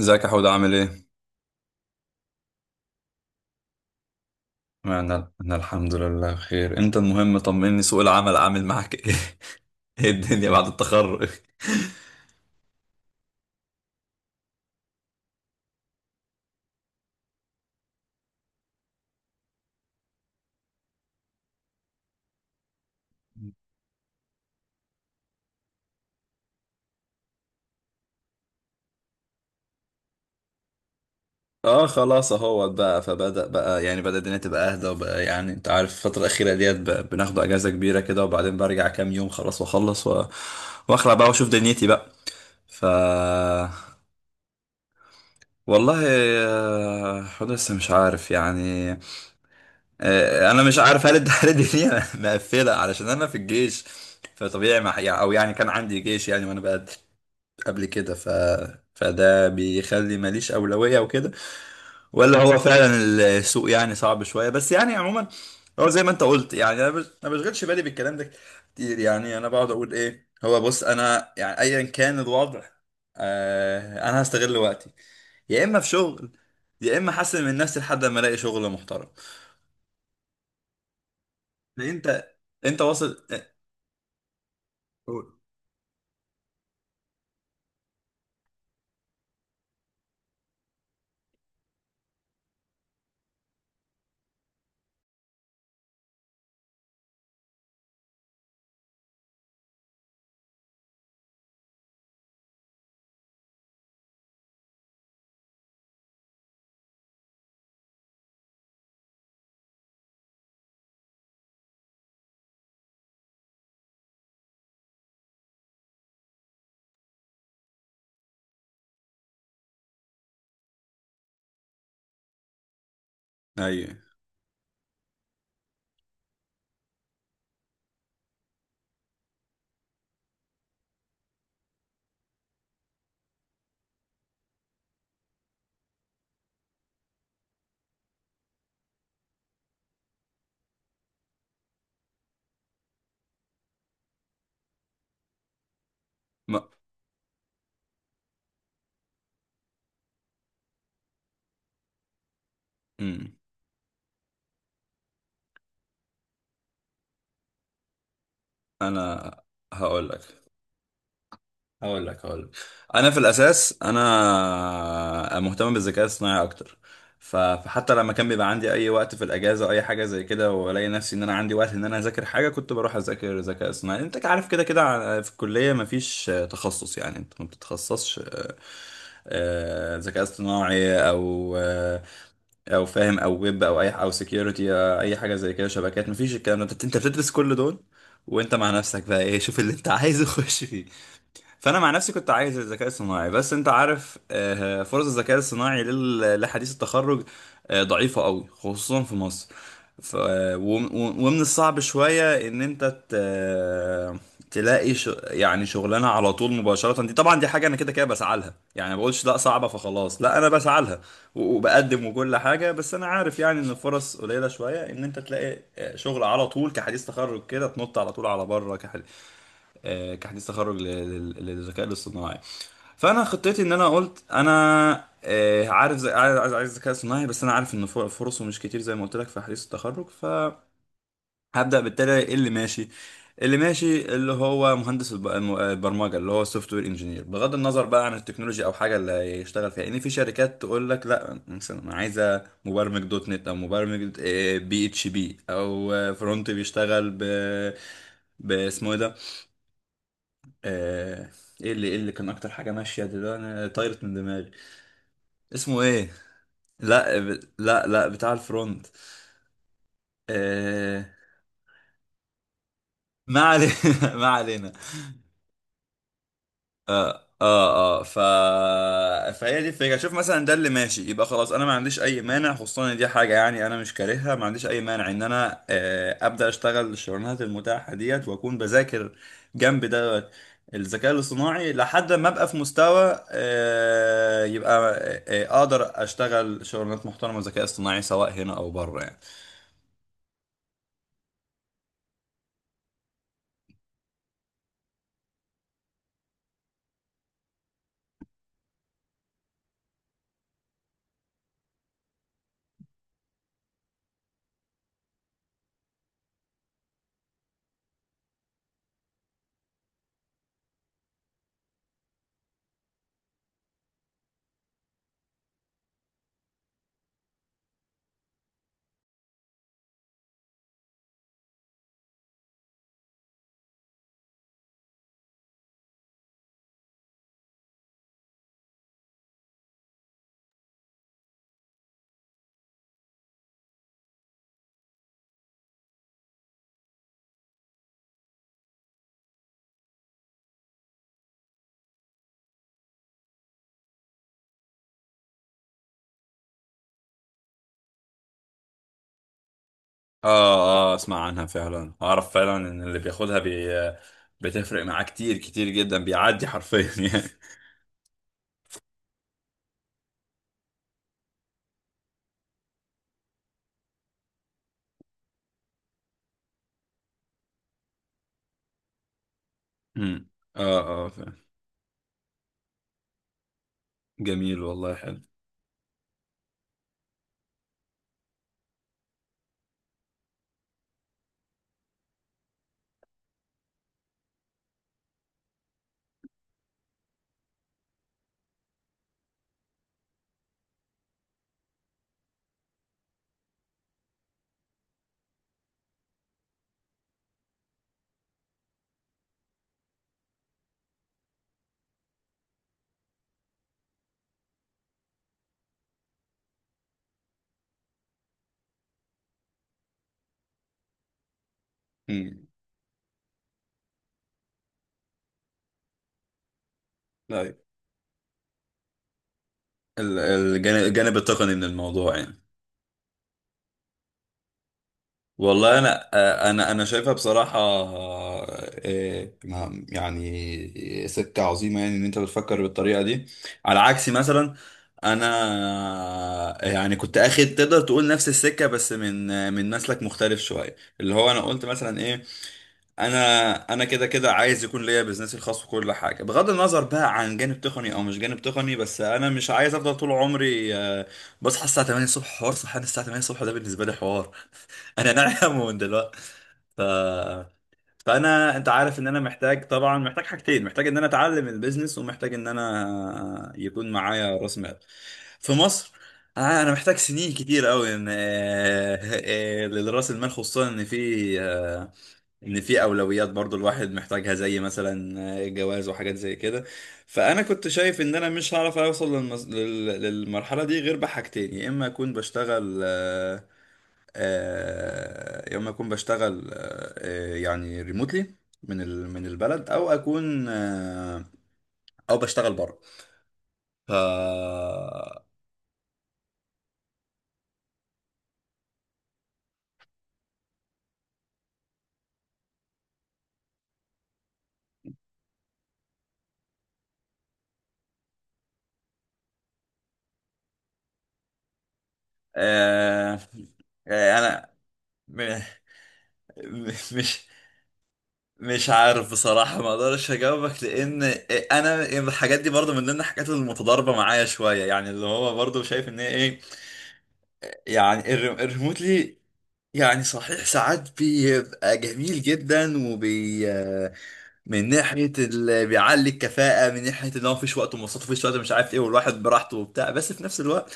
ازيك يا حود عامل ايه؟ انا الحمد لله بخير، انت المهم طمني، سوق العمل عامل معاك ايه؟ ايه الدنيا بعد التخرج؟ اه خلاص اهوت بقى، فبدأ بقى يعني بدأ الدنيا تبقى اهدى، وبقى يعني انت عارف الفترة الأخيرة ديت بناخد اجازة كبيرة كده، وبعدين برجع كام يوم خلاص واخلص واخلع بقى واشوف دنيتي بقى. ف والله، حود لسه مش عارف يعني. انا مش عارف هل التحرير دي مقفله علشان انا في الجيش، فطبيعي ما يعني او يعني كان عندي جيش يعني وانا بقى قبل كده. فده بيخلي ماليش اولويه وكده، ولا هو فعلا السوق يعني صعب شويه، بس يعني عموما هو زي ما انت قلت، يعني انا ما بشغلش بالي بالكلام ده كتير. يعني انا بقعد اقول ايه هو، بص انا يعني ايا كان الوضع، انا هستغل وقتي، يا اما في شغل، يا اما احسن من نفسي لحد ما الاقي شغل محترم. انت انت واصل؟ اه، قول. ايوه. ما... مم. انا هقول لك هقول لك، انا في الاساس انا مهتم بالذكاء الصناعي اكتر. فحتى لما كان بيبقى عندي اي وقت في الاجازه او اي حاجه زي كده والاقي نفسي ان انا عندي وقت ان انا اذاكر حاجه، كنت بروح اذاكر ذكاء صناعي. انت عارف، كده كده في الكليه مفيش تخصص. يعني انت ما بتتخصصش ذكاء اصطناعي او او فاهم، او ويب، او اي، او سكيورتي، او اي حاجه زي كده، شبكات، مفيش الكلام ده. انت بتدرس كل دول، وانت مع نفسك بقى ايه شوف اللي انت عايزه خش فيه. فانا مع نفسي كنت عايز الذكاء الصناعي، بس انت عارف فرص الذكاء الصناعي لحديث التخرج ضعيفة قوي خصوصا في مصر. ف... وم- ومن الصعب شوية ان انت تلاقي يعني شغلانة على طول مباشرة. دي طبعا دي حاجة انا كده كده بسعى لها، يعني ما بقولش لا صعبة فخلاص، لا انا بسعى لها وبقدم وكل حاجة، بس انا عارف يعني ان الفرص قليلة شوية ان انت تلاقي شغل على طول كحديث تخرج كده تنط على طول على بره. كحديث تخرج للذكاء الاصطناعي، فانا خطتي ان انا قلت انا عارف زي عايز ذكاء اصطناعي، بس انا عارف ان فرصه مش كتير زي ما قلت لك في حديث التخرج، فهبدا بالتالي إيه اللي ماشي. اللي ماشي اللي هو مهندس البرمجه، اللي هو سوفت وير انجينير، بغض النظر بقى عن التكنولوجيا او حاجه اللي هيشتغل فيها، لان في شركات تقول لك لا مثلا انا عايزه مبرمج دوت نت، او مبرمج بي اتش بي، او فرونت بيشتغل باسمه ايه ده؟ آه، ايه اللي كان اكتر حاجه ماشيه دلوقتي، انا طايرت من دماغي اسمه ايه؟ لا لا، لا، بتاع الفرونت. آه... ما علينا ما علينا. اه، اه، اه، فهي دي الفكره، شوف مثلا ده اللي ماشي يبقى خلاص انا ما عنديش اي مانع، خصوصا ان دي حاجه يعني انا مش كارهها، ما عنديش اي مانع ان انا ابدا اشتغل الشغلانات المتاحه ديت، واكون بذاكر جنب ده الذكاء الاصطناعي لحد ما ابقى في مستوى يبقى اقدر اشتغل شغلانات محترمه ذكاء اصطناعي، سواء هنا او بره يعني. اه، اه، اسمع عنها فعلا، اعرف فعلا ان اللي بياخدها بتفرق معاه كتير كتير جدا، بيعدي حرفيا يعني. امم. اه، اه، فاهم. جميل، والله حلو. امم. طيب الجانب التقني من الموضوع يعني. والله انا انا انا شايفها بصراحه، يعني سكه عظيمه يعني ان انت بتفكر بالطريقه دي. على عكسي مثلا، انا يعني كنت اخد، تقدر تقول نفس السكه بس من من مسلك مختلف شويه، اللي هو انا قلت مثلا ايه، انا انا كده كده عايز يكون ليا بزنسي الخاص وكل حاجه، بغض النظر بقى عن جانب تقني او مش جانب تقني، بس انا مش عايز افضل طول عمري بصحى الساعه 8 الصبح. حوار صحيان الساعه 8 الصبح ده بالنسبه لي حوار. انا نايم من دلوقتي. ف... فانا انت عارف ان انا محتاج، طبعا محتاج حاجتين: محتاج ان انا اتعلم البيزنس، ومحتاج ان انا يكون معايا راس مال. في مصر انا محتاج سنين كتير قوي ان لراس المال، خصوصا ان في ان في اولويات برضو الواحد محتاجها، زي مثلا جواز وحاجات زي كده. فانا كنت شايف ان انا مش هعرف اوصل للمرحله دي غير بحاجتين: يا اما اكون بشتغل يا اما اكون بشتغل يعني ريموتلي من من البلد، او اكون او بشتغل بره. ف آه، انا مش مش عارف بصراحة، ما اقدرش اجاوبك، لان انا الحاجات دي برضو من ضمن الحاجات المتضاربة معايا شوية، يعني اللي هو برضو شايف ان هي ايه، يعني الريموتلي يعني صحيح ساعات بيبقى جميل جدا من ناحية اللي بيعلي الكفاءة، من ناحية ان هو مفيش وقت ومواصلات، مفيش وقت، مش عارف ايه، والواحد براحته وبتاع، بس في نفس الوقت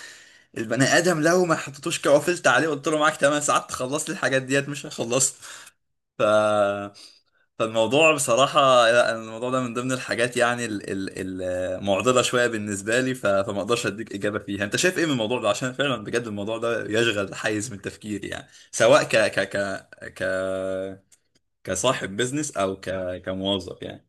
البني ادم لو ما حطيتوش كوفلت عليه، قلت له معاك 8 ساعات تخلص لي الحاجات ديت، مش هيخلصها. ف فالموضوع بصراحة، لا، الموضوع ده من ضمن الحاجات يعني المعضلة شوية بالنسبة لي، فما اقدرش اديك إجابة فيها. انت شايف ايه من الموضوع ده؟ عشان فعلا بجد الموضوع ده يشغل حيز من تفكيري، يعني سواء ك ك ك ك كصاحب بيزنس او كموظف يعني.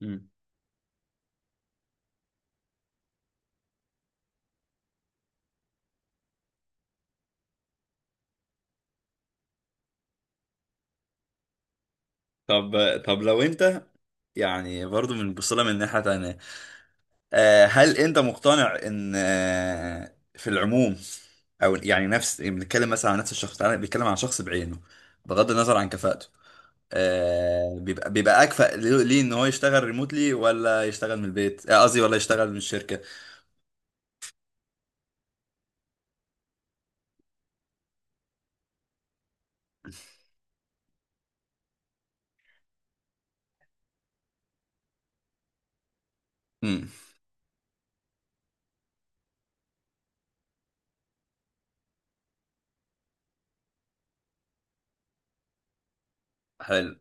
مم. طب طب لو انت، يعني برضو من بصلة من ناحية تانية، هل انت مقتنع ان في العموم، او يعني نفس، بنتكلم مثلا عن نفس الشخص، تعالى بنتكلم عن شخص بعينه بغض النظر عن كفاءته، بيبقى اكفأ، ليه ان هو يشتغل ريموتلي ولا يشتغل من البيت، قصدي ولا يشتغل من الشركه؟ امم. حلو.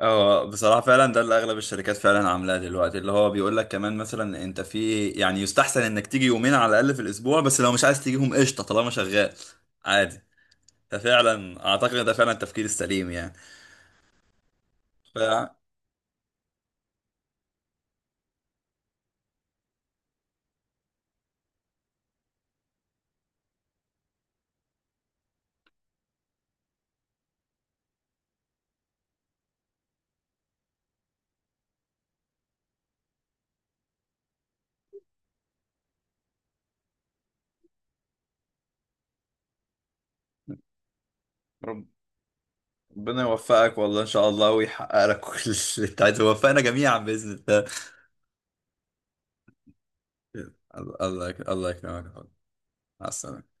اه، بصراحه فعلا ده اللي اغلب الشركات فعلا عاملاه دلوقتي، اللي هو بيقول لك كمان مثلا انت، في يعني يستحسن انك تيجي يومين على الاقل في الاسبوع، بس لو مش عايز تجيهم قشطه طالما شغال عادي. ففعلا اعتقد ده فعلا التفكير السليم يعني. ف ربنا يوفقك والله، ان شاء الله ويحقق لك كل اللي انت عايزه ويوفقنا جميعا باذن الله. الله الله يكرمك. مع السلامه.